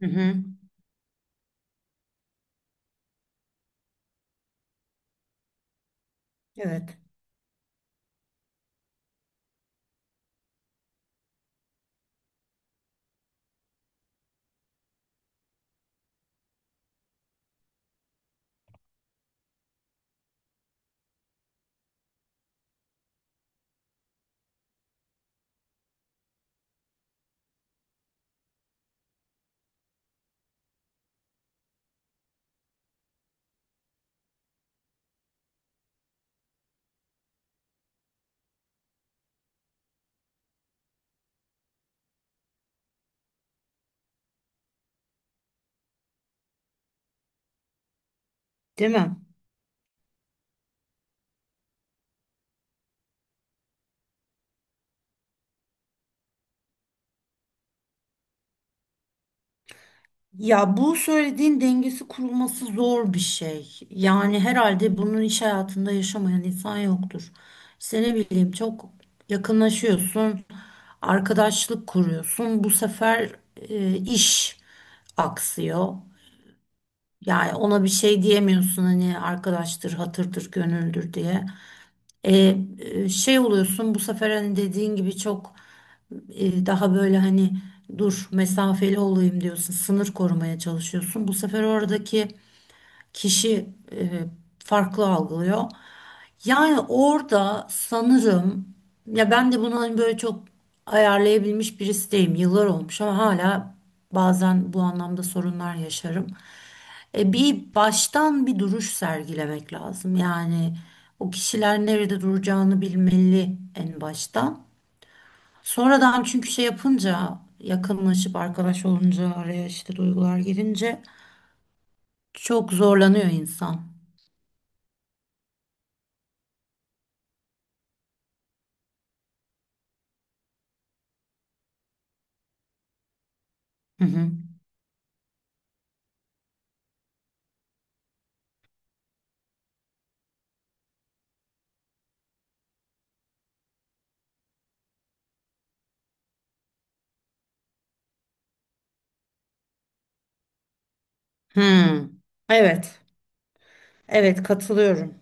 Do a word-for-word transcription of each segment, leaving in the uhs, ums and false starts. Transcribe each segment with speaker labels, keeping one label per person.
Speaker 1: Hı hı. Evet. Değil mi? Ya bu söylediğin dengesi kurulması zor bir şey. Yani herhalde bunun iş hayatında yaşamayan insan yoktur. İşte ne bileyim çok yakınlaşıyorsun, arkadaşlık kuruyorsun. Bu sefer e, iş aksıyor. Yani ona bir şey diyemiyorsun hani arkadaştır, hatırdır, gönüldür diye. E, e, şey oluyorsun bu sefer hani dediğin gibi çok e, daha böyle hani dur mesafeli olayım diyorsun sınır korumaya çalışıyorsun bu sefer oradaki kişi e, farklı algılıyor yani orada sanırım ya ben de bunu hani böyle çok ayarlayabilmiş birisi değilim yıllar olmuş ama hala bazen bu anlamda sorunlar yaşarım e, Bir baştan bir duruş sergilemek lazım. Yani o kişiler nerede duracağını bilmeli en baştan. Sonradan çünkü şey yapınca yakınlaşıp arkadaş olunca araya işte duygular girince çok zorlanıyor insan. Hı hı. Hı. Evet. Evet, katılıyorum.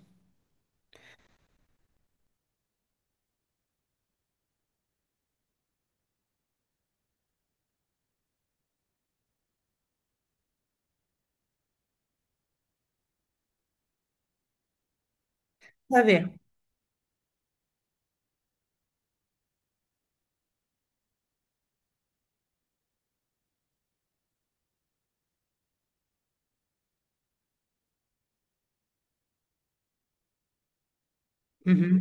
Speaker 1: Tabii. Hı hı.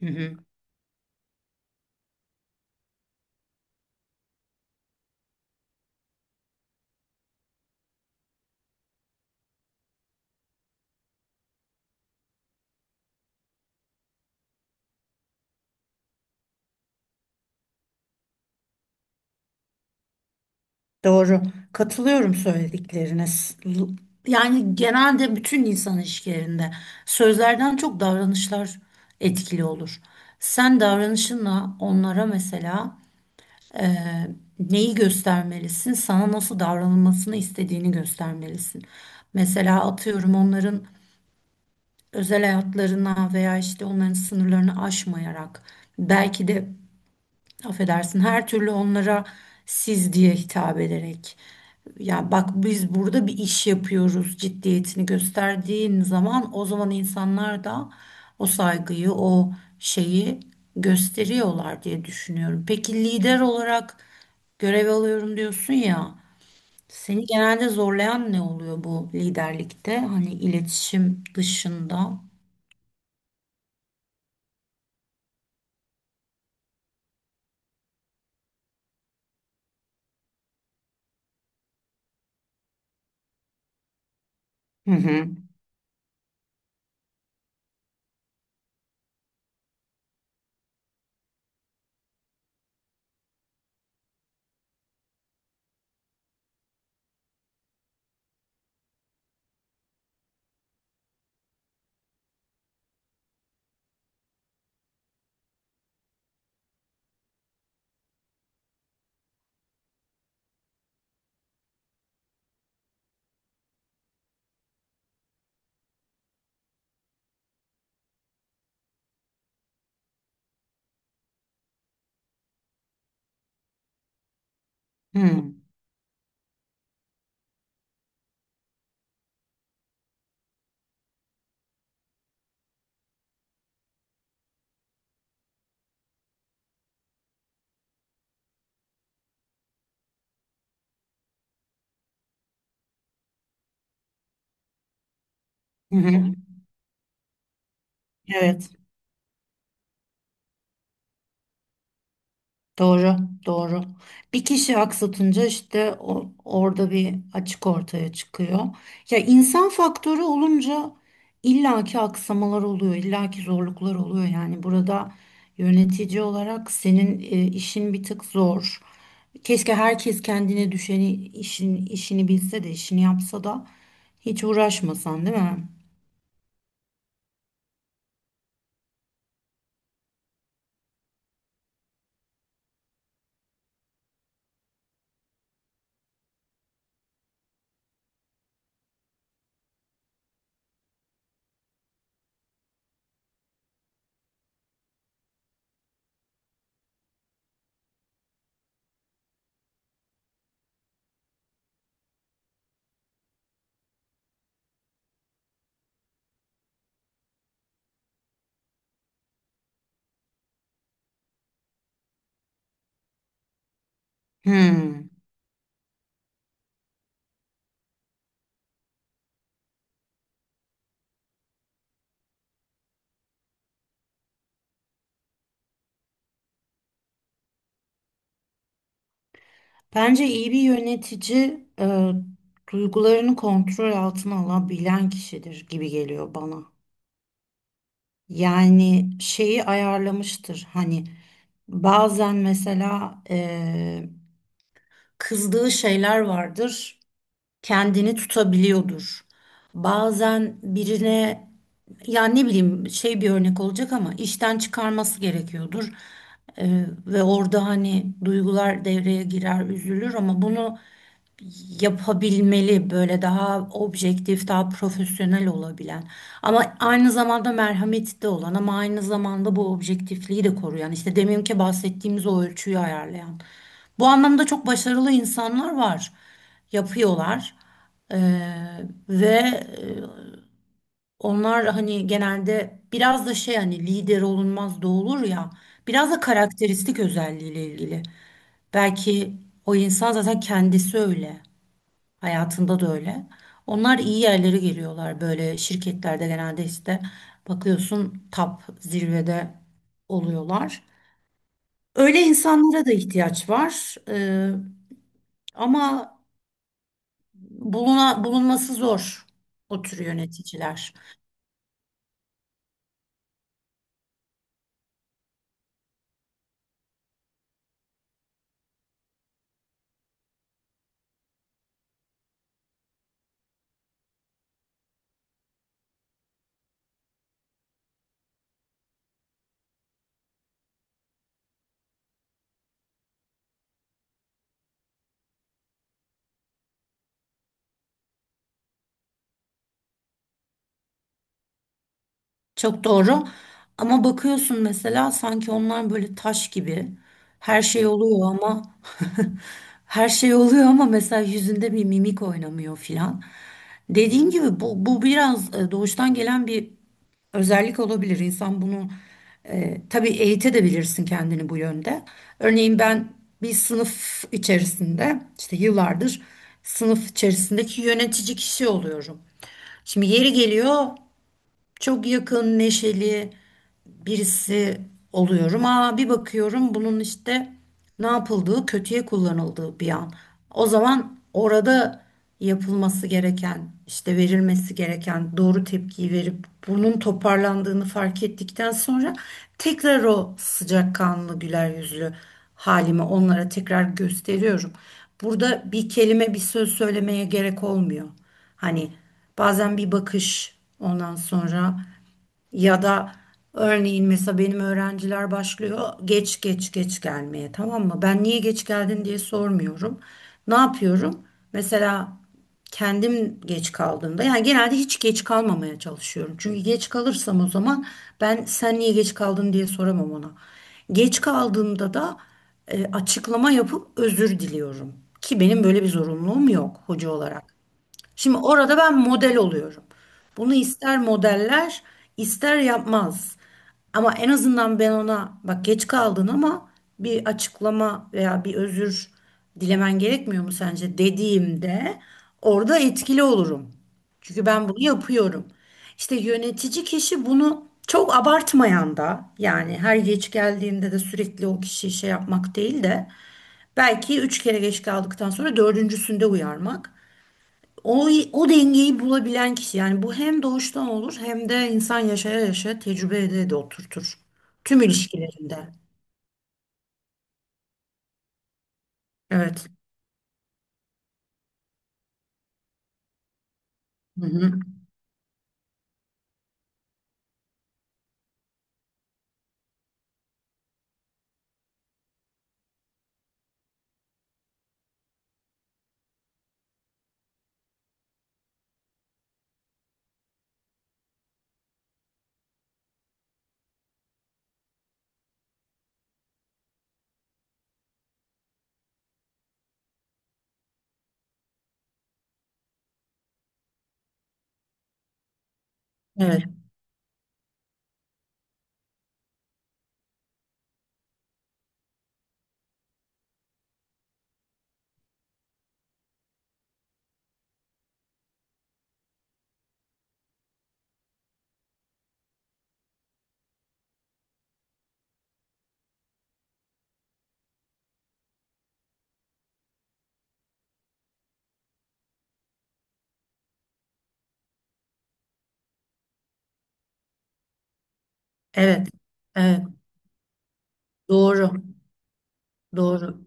Speaker 1: Hı hı. Doğru. Katılıyorum söyledikleriniz. L- Yani genelde bütün insan ilişkilerinde sözlerden çok davranışlar etkili olur. Sen davranışınla onlara mesela neyi göstermelisin, sana nasıl davranılmasını istediğini göstermelisin. Mesela atıyorum onların özel hayatlarına veya işte onların sınırlarını aşmayarak belki de affedersin her türlü onlara siz diye hitap ederek ya bak biz burada bir iş yapıyoruz ciddiyetini gösterdiğin zaman o zaman insanlar da o saygıyı o şeyi gösteriyorlar diye düşünüyorum. Peki lider olarak görev alıyorum diyorsun ya seni genelde zorlayan ne oluyor bu liderlikte hani iletişim dışında? Hı hı. Hı hı. Hı. Evet. Doğru, doğru. Bir kişi aksatınca işte o- orada bir açık ortaya çıkıyor. Ya insan faktörü olunca illaki aksamalar oluyor, illaki zorluklar oluyor. Yani burada yönetici olarak senin e, işin bir tık zor. Keşke herkes kendine düşeni işin işini bilse de işini yapsa da hiç uğraşmasan, değil mi? Hmm. Bence iyi bir yönetici e, duygularını kontrol altına alabilen kişidir gibi geliyor bana. Yani şeyi ayarlamıştır. Hani bazen mesela e, kızdığı şeyler vardır, kendini tutabiliyordur. Bazen birine ya ne bileyim şey bir örnek olacak ama işten çıkarması gerekiyordur. E, ve orada hani duygular devreye girer, üzülür ama bunu yapabilmeli böyle daha objektif, daha profesyonel olabilen ama aynı zamanda merhametli de olan ama aynı zamanda bu objektifliği de koruyan işte deminki bahsettiğimiz o ölçüyü ayarlayan. Bu anlamda çok başarılı insanlar var. Yapıyorlar. Ee, ve e, onlar hani genelde biraz da şey hani lider olunmaz da olur ya biraz da karakteristik özelliğiyle ilgili. Belki o insan zaten kendisi öyle. Hayatında da öyle. Onlar iyi yerlere geliyorlar böyle şirketlerde genelde işte bakıyorsun tap zirvede oluyorlar. Öyle insanlara da ihtiyaç var. Ee, ama buluna, bulunması zor o tür yöneticiler. Çok doğru. Ama bakıyorsun mesela sanki onlar böyle taş gibi. Her şey oluyor ama her şey oluyor ama mesela yüzünde bir mimik oynamıyor filan. Dediğin gibi bu, bu biraz e, doğuştan gelen bir özellik olabilir. İnsan bunu e, tabii eğitebilirsin kendini bu yönde. Örneğin ben bir sınıf içerisinde işte yıllardır sınıf içerisindeki yönetici kişi oluyorum. Şimdi yeri geliyor çok yakın, neşeli birisi oluyorum. Aa bir bakıyorum bunun işte ne yapıldığı, kötüye kullanıldığı bir an. O zaman orada yapılması gereken, işte verilmesi gereken doğru tepkiyi verip bunun toparlandığını fark ettikten sonra tekrar o sıcakkanlı, güler yüzlü halimi onlara tekrar gösteriyorum. Burada bir kelime, bir söz söylemeye gerek olmuyor. Hani bazen bir bakış ondan sonra ya da örneğin mesela benim öğrenciler başlıyor geç geç geç gelmeye, tamam mı? Ben niye geç geldin diye sormuyorum. Ne yapıyorum? Mesela kendim geç kaldığımda yani genelde hiç geç kalmamaya çalışıyorum. Çünkü geç kalırsam o zaman ben sen niye geç kaldın diye soramam ona. Geç kaldığımda da e, açıklama yapıp özür diliyorum. Ki benim böyle bir zorunluluğum yok hoca olarak. Şimdi orada ben model oluyorum. Bunu ister modeller, ister yapmaz. Ama en azından ben ona bak geç kaldın ama bir açıklama veya bir özür dilemen gerekmiyor mu sence dediğimde orada etkili olurum. Çünkü ben bunu yapıyorum. İşte yönetici kişi bunu çok abartmayan da yani her geç geldiğinde de sürekli o kişiyi şey yapmak değil de belki üç kere geç kaldıktan sonra dördüncüsünde uyarmak. O, o dengeyi bulabilen kişi yani bu hem doğuştan olur hem de insan yaşaya yaşa tecrübe ede de oturtur. Tüm ilişkilerinde. Evet. Hı hı. Evet. Evet. Evet. Doğru. Doğru.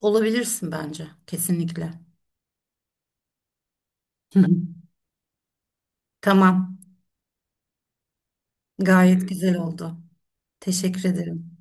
Speaker 1: Olabilirsin bence. Kesinlikle. Hı hı. Tamam. Gayet güzel oldu. Teşekkür ederim.